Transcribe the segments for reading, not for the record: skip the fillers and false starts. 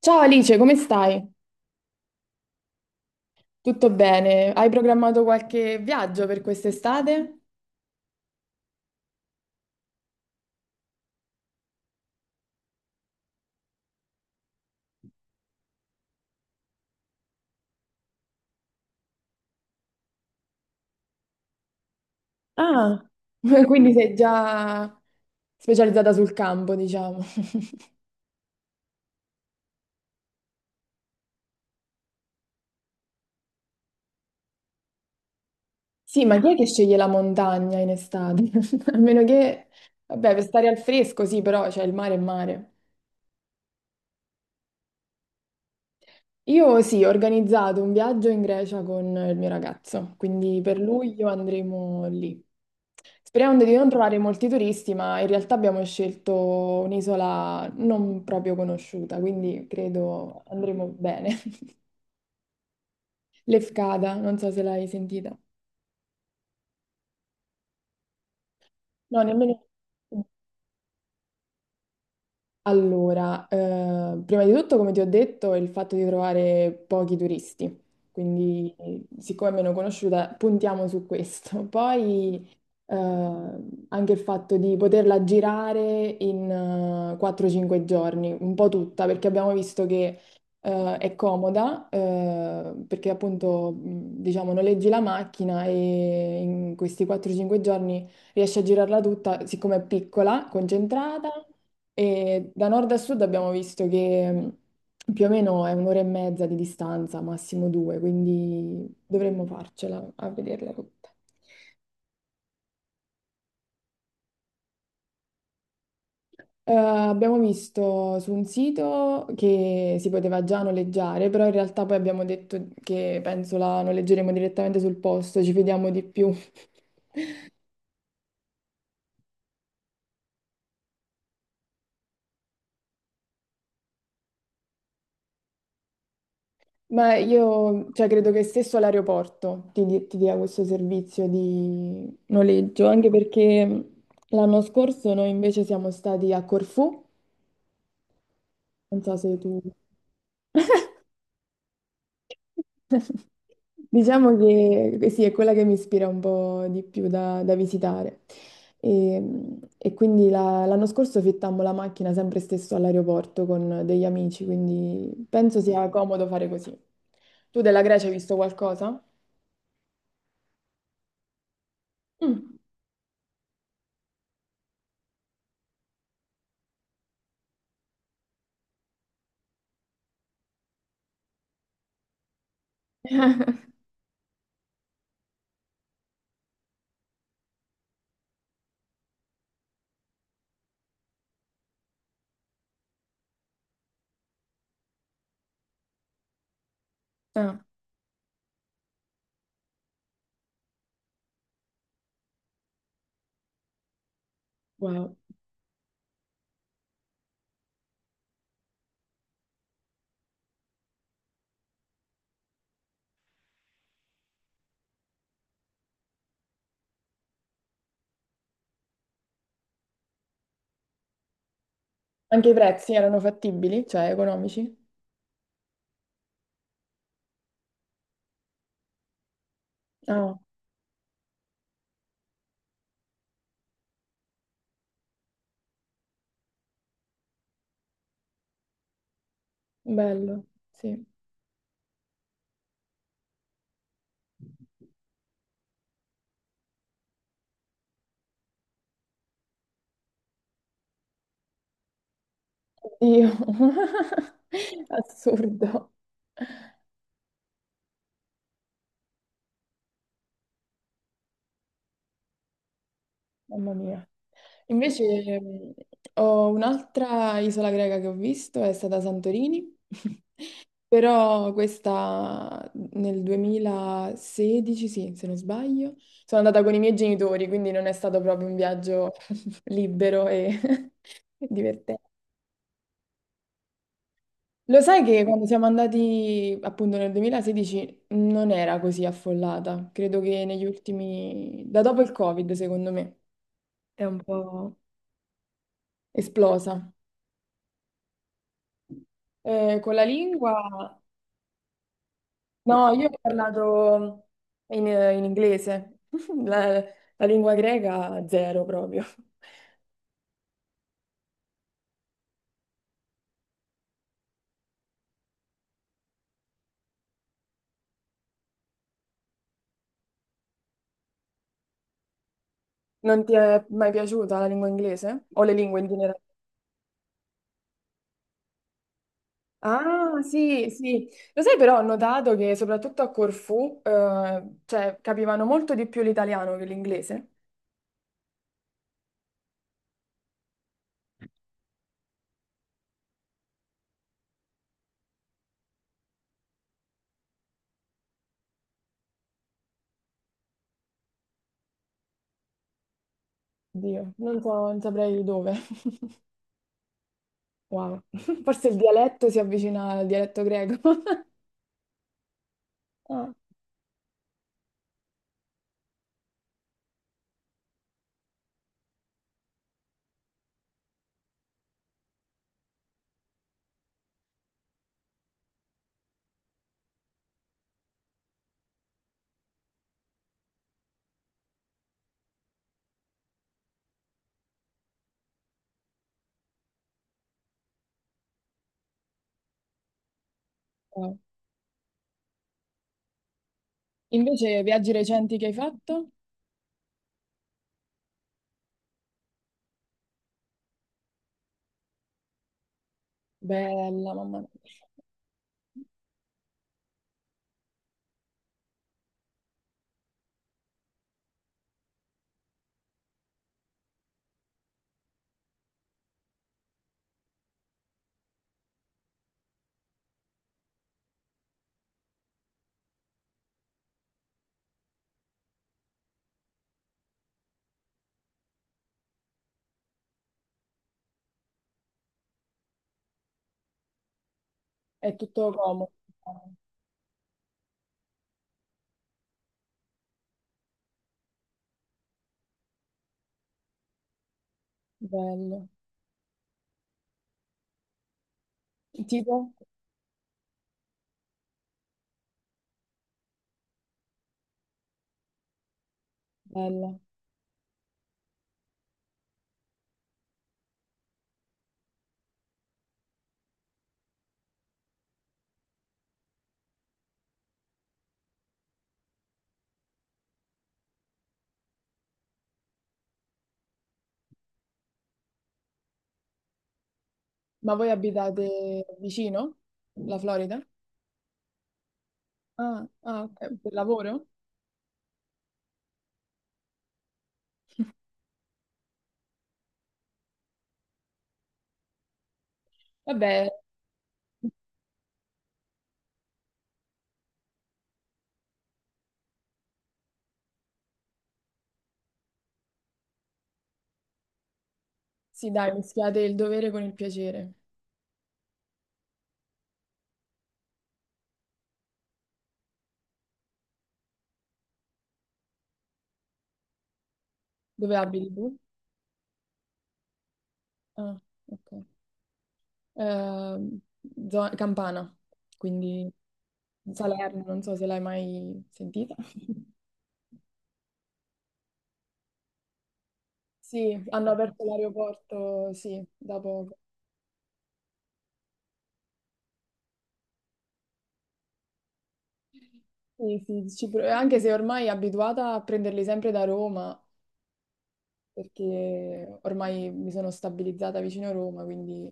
Ciao Alice, come stai? Tutto bene? Hai programmato qualche viaggio per quest'estate? Ah, quindi sei già specializzata sul campo, diciamo. Sì, ma chi è che sceglie la montagna in estate? A meno che, vabbè, per stare al fresco, sì, però c'è il mare è mare. Io sì, ho organizzato un viaggio in Grecia con il mio ragazzo, quindi per luglio andremo lì. Sperando di non trovare molti turisti, ma in realtà abbiamo scelto un'isola non proprio conosciuta, quindi credo andremo bene. Lefkada, non so se l'hai sentita. No, nemmeno. Allora, prima di tutto, come ti ho detto, è il fatto di trovare pochi turisti, quindi siccome è meno conosciuta, puntiamo su questo. Poi eh, anche il fatto di poterla girare in 4-5 giorni, un po' tutta, perché abbiamo visto che è comoda, perché appunto, diciamo, noleggi la macchina e in questi 4-5 giorni riesci a girarla tutta, siccome è piccola, concentrata. E da nord a sud abbiamo visto che più o meno è un'ora e mezza di distanza, massimo due, quindi dovremmo farcela a vederle tutte. Abbiamo visto su un sito che si poteva già noleggiare, però in realtà poi abbiamo detto che penso la noleggeremo direttamente sul posto, ci fidiamo di più. Ma io, cioè, credo che stesso all'aeroporto ti, ti dia questo servizio di noleggio, anche perché l'anno scorso noi invece siamo stati a Corfù, non so se tu... Diciamo che eh sì, è quella che mi ispira un po' di più da, da visitare. E, e quindi l'anno scorso fittammo la macchina sempre stesso all'aeroporto con degli amici, quindi penso sia comodo fare così. Tu della Grecia hai visto qualcosa? Mm. Ah, wow. Anche i prezzi erano fattibili, cioè economici? Ah, bello, sì. Oddio, assurdo, mamma mia. Invece ho un'altra isola greca che ho visto, è stata Santorini, però questa nel 2016, sì, se non sbaglio, sono andata con i miei genitori, quindi non è stato proprio un viaggio libero e divertente. Lo sai che quando siamo andati appunto nel 2016 non era così affollata, credo che negli ultimi, da dopo il Covid secondo me, è un po' esplosa. Con la lingua, no, io ho parlato in inglese, la, la lingua greca zero proprio. Non ti è mai piaciuta la lingua inglese o le lingue in generale? Ah, sì, sì. Lo sai, però ho notato che soprattutto a Corfù, cioè, capivano molto di più l'italiano che l'inglese. Dio, non so, non saprei di dove. Wow. Forse il dialetto si avvicina al dialetto greco. Ah, wow. Invece, viaggi recenti che hai fatto? Bella, mamma mia. È tutto comodo. Bello. Tipo? Bella. Ma voi abitate vicino? La Florida? Ah, ah, ok, per lavoro? Vabbè. Sì, dai, mischiate il dovere con il piacere. Dove abiti tu? Ah, ok. Ehm, Campana, quindi Salerno, non so se l'hai mai sentita. Sì, hanno aperto l'aeroporto, sì, da poco. Sì, sì, anche se ormai abituata a prenderli sempre da Roma, perché ormai mi sono stabilizzata vicino a Roma, quindi...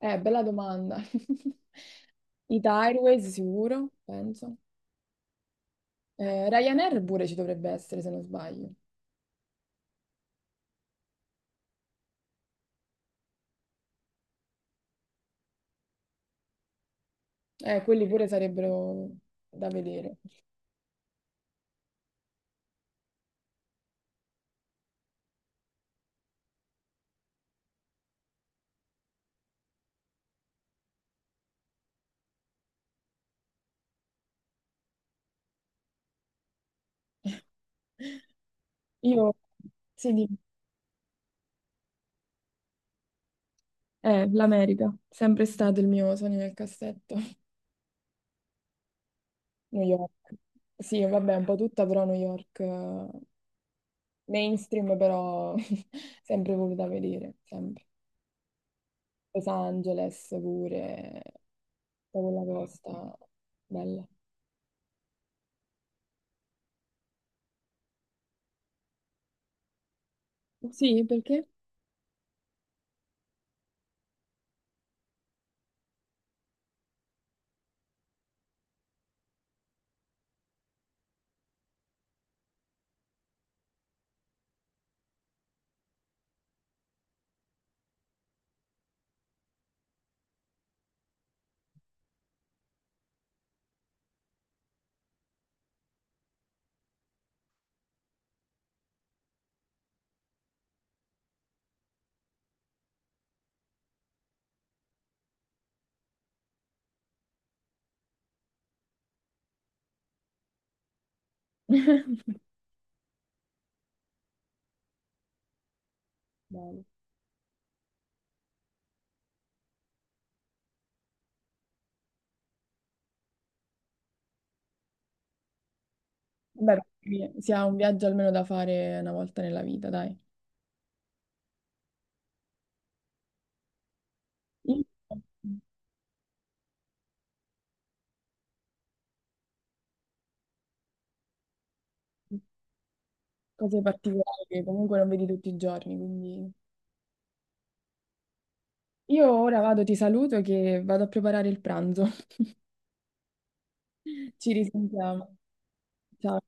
Bella domanda. Ita Airways sicuro, penso. Ryanair pure ci dovrebbe essere, se non sbaglio. Quelli pure sarebbero da vedere. Io, sì, l'America, sempre stato il mio sogno nel cassetto. New York. Sì, vabbè, un po' tutta, però New York, mainstream, però sempre voluta vedere, sempre. Los Angeles pure, tutta quella costa, bella. Sì, perché? Bello. Vabbè, perché si ha un viaggio almeno da fare una volta nella vita, dai. Io- Cose particolari che comunque non vedi tutti i giorni, quindi... Io ora vado, ti saluto che vado a preparare il pranzo. Ci risentiamo. Ciao.